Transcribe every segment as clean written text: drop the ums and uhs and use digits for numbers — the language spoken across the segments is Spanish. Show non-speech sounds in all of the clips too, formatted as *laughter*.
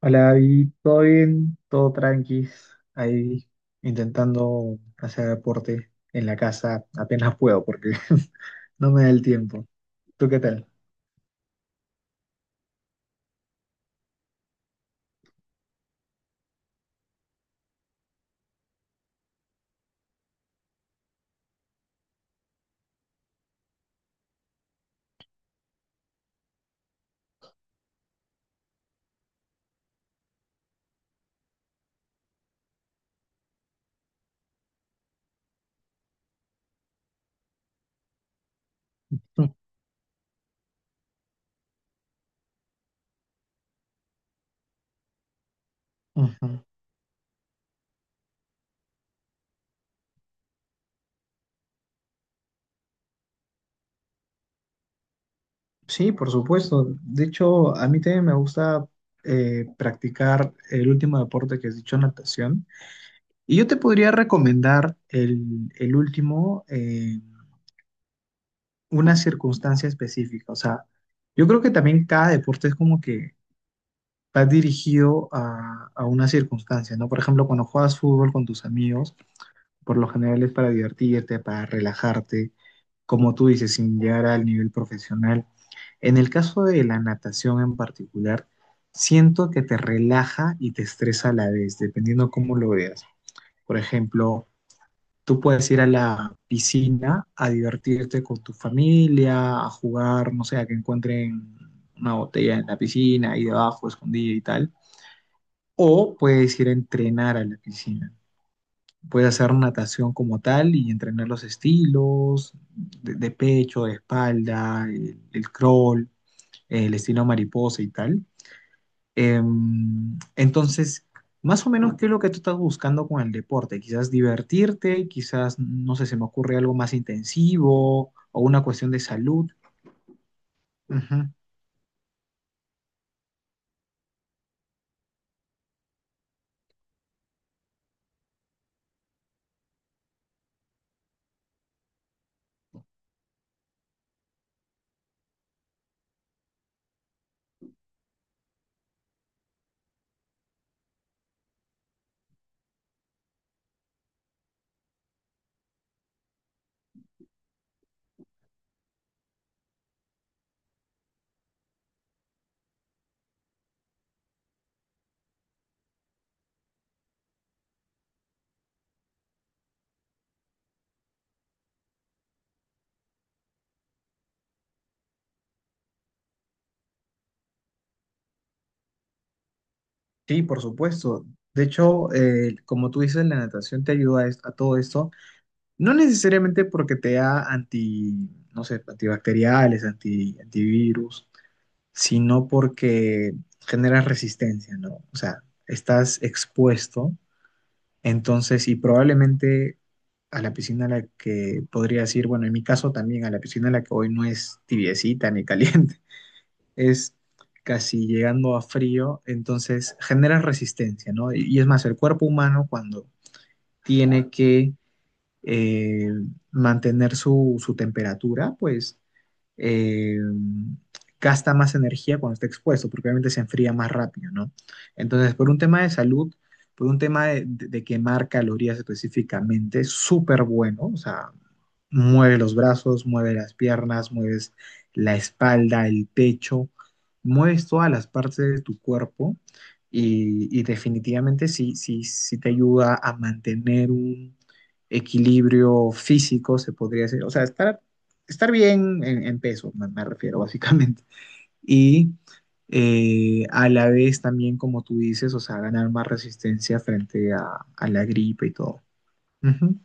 Hola, David, ¿todo bien? ¿Todo tranquis? Ahí intentando hacer deporte en la casa apenas puedo porque *laughs* no me da el tiempo. ¿Tú qué tal? Mm. Ujú. Sí, por supuesto. De hecho, a mí también me gusta practicar el último deporte que has dicho, natación. Y yo te podría recomendar el último, en una circunstancia específica. O sea, yo creo que también cada deporte es como que va dirigido a una circunstancia, ¿no? Por ejemplo, cuando juegas fútbol con tus amigos, por lo general es para divertirte, para relajarte, como tú dices, sin llegar al nivel profesional. En el caso de la natación en particular, siento que te relaja y te estresa a la vez, dependiendo cómo lo veas. Por ejemplo, tú puedes ir a la piscina a divertirte con tu familia, a jugar, no sé, a que encuentren una botella en la piscina, ahí debajo, escondida y tal, o puedes ir a entrenar a la piscina. Puedes hacer natación como tal y entrenar los estilos de pecho, de espalda, el crawl, el estilo mariposa y tal. Entonces, más o menos, ¿qué es lo que tú estás buscando con el deporte? Quizás divertirte, quizás, no sé, se me ocurre algo más intensivo o una cuestión de salud. Ujú. Sí, por supuesto. De hecho, como tú dices, la natación te ayuda a todo esto. No necesariamente porque te da anti, no sé, antibacteriales, antivirus, sino porque genera resistencia, ¿no? O sea, estás expuesto, entonces, y probablemente a la piscina a la que podría decir, bueno, en mi caso también, a la piscina a la que voy no es tibiecita ni caliente, *laughs* es casi llegando a frío, entonces genera resistencia, ¿no? Y es más, el cuerpo humano cuando tiene que eh, mantener su temperatura, pues eh, gasta más energía cuando está expuesto, porque obviamente se enfría más rápido, ¿no? Entonces, por un tema de salud, por un tema de quemar calorías específicamente, súper bueno, o sea, mueve los brazos, mueve las piernas, mueves la espalda, el pecho, mueves todas las partes de tu cuerpo, y definitivamente sí, sí, sí te ayuda a mantener un equilibrio físico, se podría decir, o sea, estar bien en peso, me refiero básicamente. Y a la vez también, como tú dices, o sea, ganar más resistencia frente a la gripe y todo. Ujú.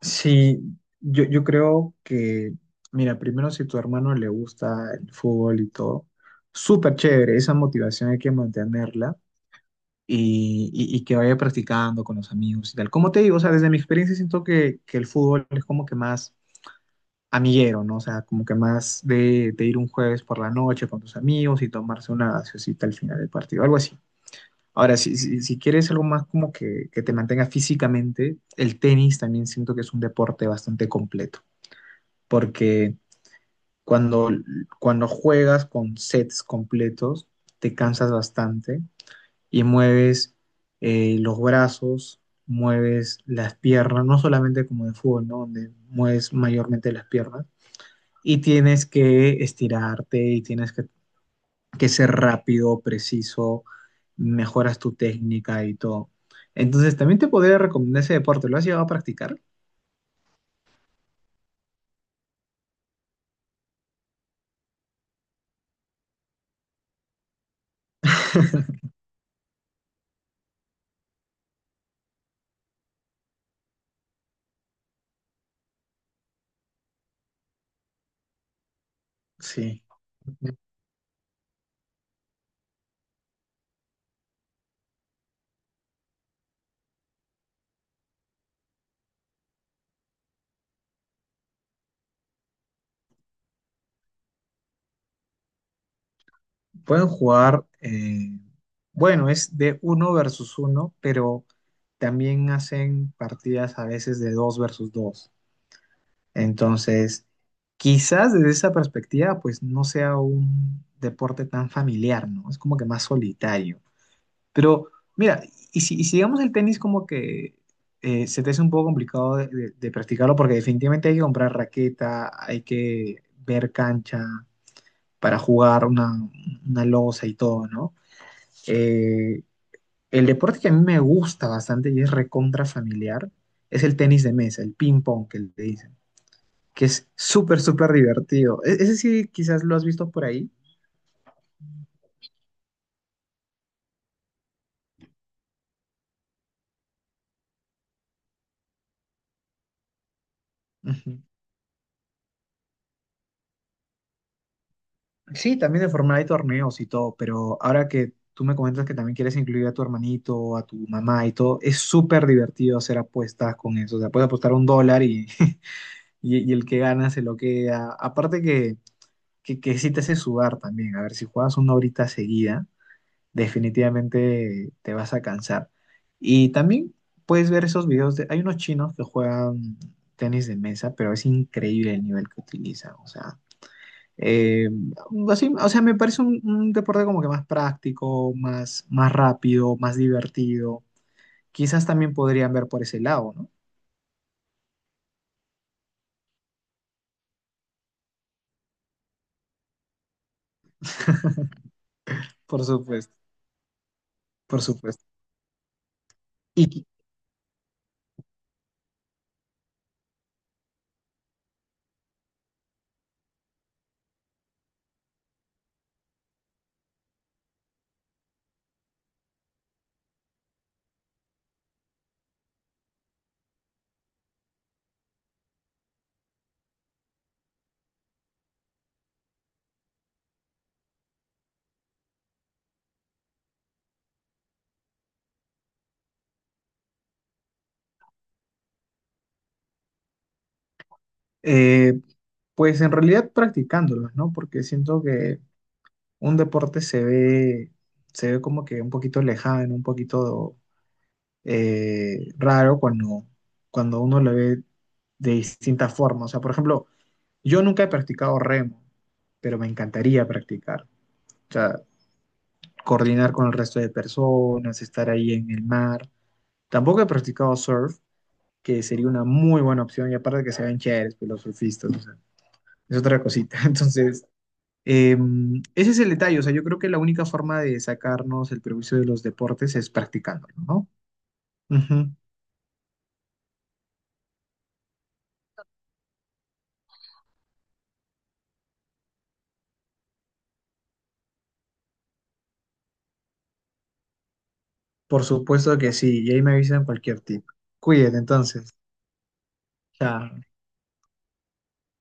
Sí, yo creo que, mira, primero si tu hermano le gusta el fútbol y todo, súper chévere, esa motivación hay que mantenerla y que vaya practicando con los amigos y tal. Como te digo, o sea, desde mi experiencia siento que el fútbol es como que más amiguero, ¿no? O sea, como que más de ir un jueves por la noche con tus amigos y tomarse una gaseosita al final del partido, algo así. Ahora, si quieres algo más como que te mantenga físicamente, el tenis también siento que es un deporte bastante completo porque cuando, cuando juegas con sets completos, te cansas bastante y mueves los brazos, mueves las piernas, no solamente como de fútbol, ¿no? Donde mueves mayormente las piernas, y tienes que estirarte y tienes que ser rápido, preciso, mejoras tu técnica y todo. Entonces, también te podría recomendar ese deporte. ¿Lo has llegado a practicar? *laughs* Sí. Pueden jugar, bueno, es de uno versus uno, pero también hacen partidas a veces de dos versus dos. Entonces, quizás desde esa perspectiva, pues no sea un deporte tan familiar, ¿no? Es como que más solitario. Pero mira, y si digamos el tenis como que se te hace un poco complicado de practicarlo porque definitivamente hay que comprar raqueta, hay que ver cancha para jugar una losa y todo, ¿no? Eh, el deporte que a mí me gusta bastante y es recontra familiar es el tenis de mesa, el ping pong que le dicen, que es súper, súper divertido. Ese sí, quizás lo has visto por ahí. Ujú. Sí, también de forma hay torneos y todo, pero ahora que tú me comentas que también quieres incluir a tu hermanito, a tu mamá y todo, es súper divertido hacer apuestas con eso. O sea, puedes apostar un dólar y, *laughs* y el que gana se lo queda. Aparte que sí te hace sudar también. A ver, si juegas una horita seguida definitivamente te vas a cansar. Y también puedes ver esos videos hay unos chinos que juegan tenis de mesa, pero es increíble el nivel que utilizan, o sea, eh, o sea, me parece un deporte como que más práctico, más rápido, más divertido. Quizás también podrían ver por ese lado, ¿no? *laughs* Por supuesto, por supuesto. Y eh, pues en realidad practicándolos, ¿no? Porque siento que un deporte se ve como que un poquito lejano, un poquito raro cuando uno lo ve de distintas formas. O sea, por ejemplo, yo nunca he practicado remo, pero me encantaría practicar. O sea, coordinar con el resto de personas, estar ahí en el mar. Tampoco he practicado surf, que sería una muy buena opción, y aparte que se ven chéveres pues, los surfistas, o sea, es otra cosita. *laughs* Entonces, Eh, ese es el detalle, o sea, yo creo que la única forma de sacarnos el prejuicio de los deportes es practicándolo, ¿no? Ujú. Por supuesto que sí, y ahí me avisan cualquier tip. Cuídate entonces. Chao.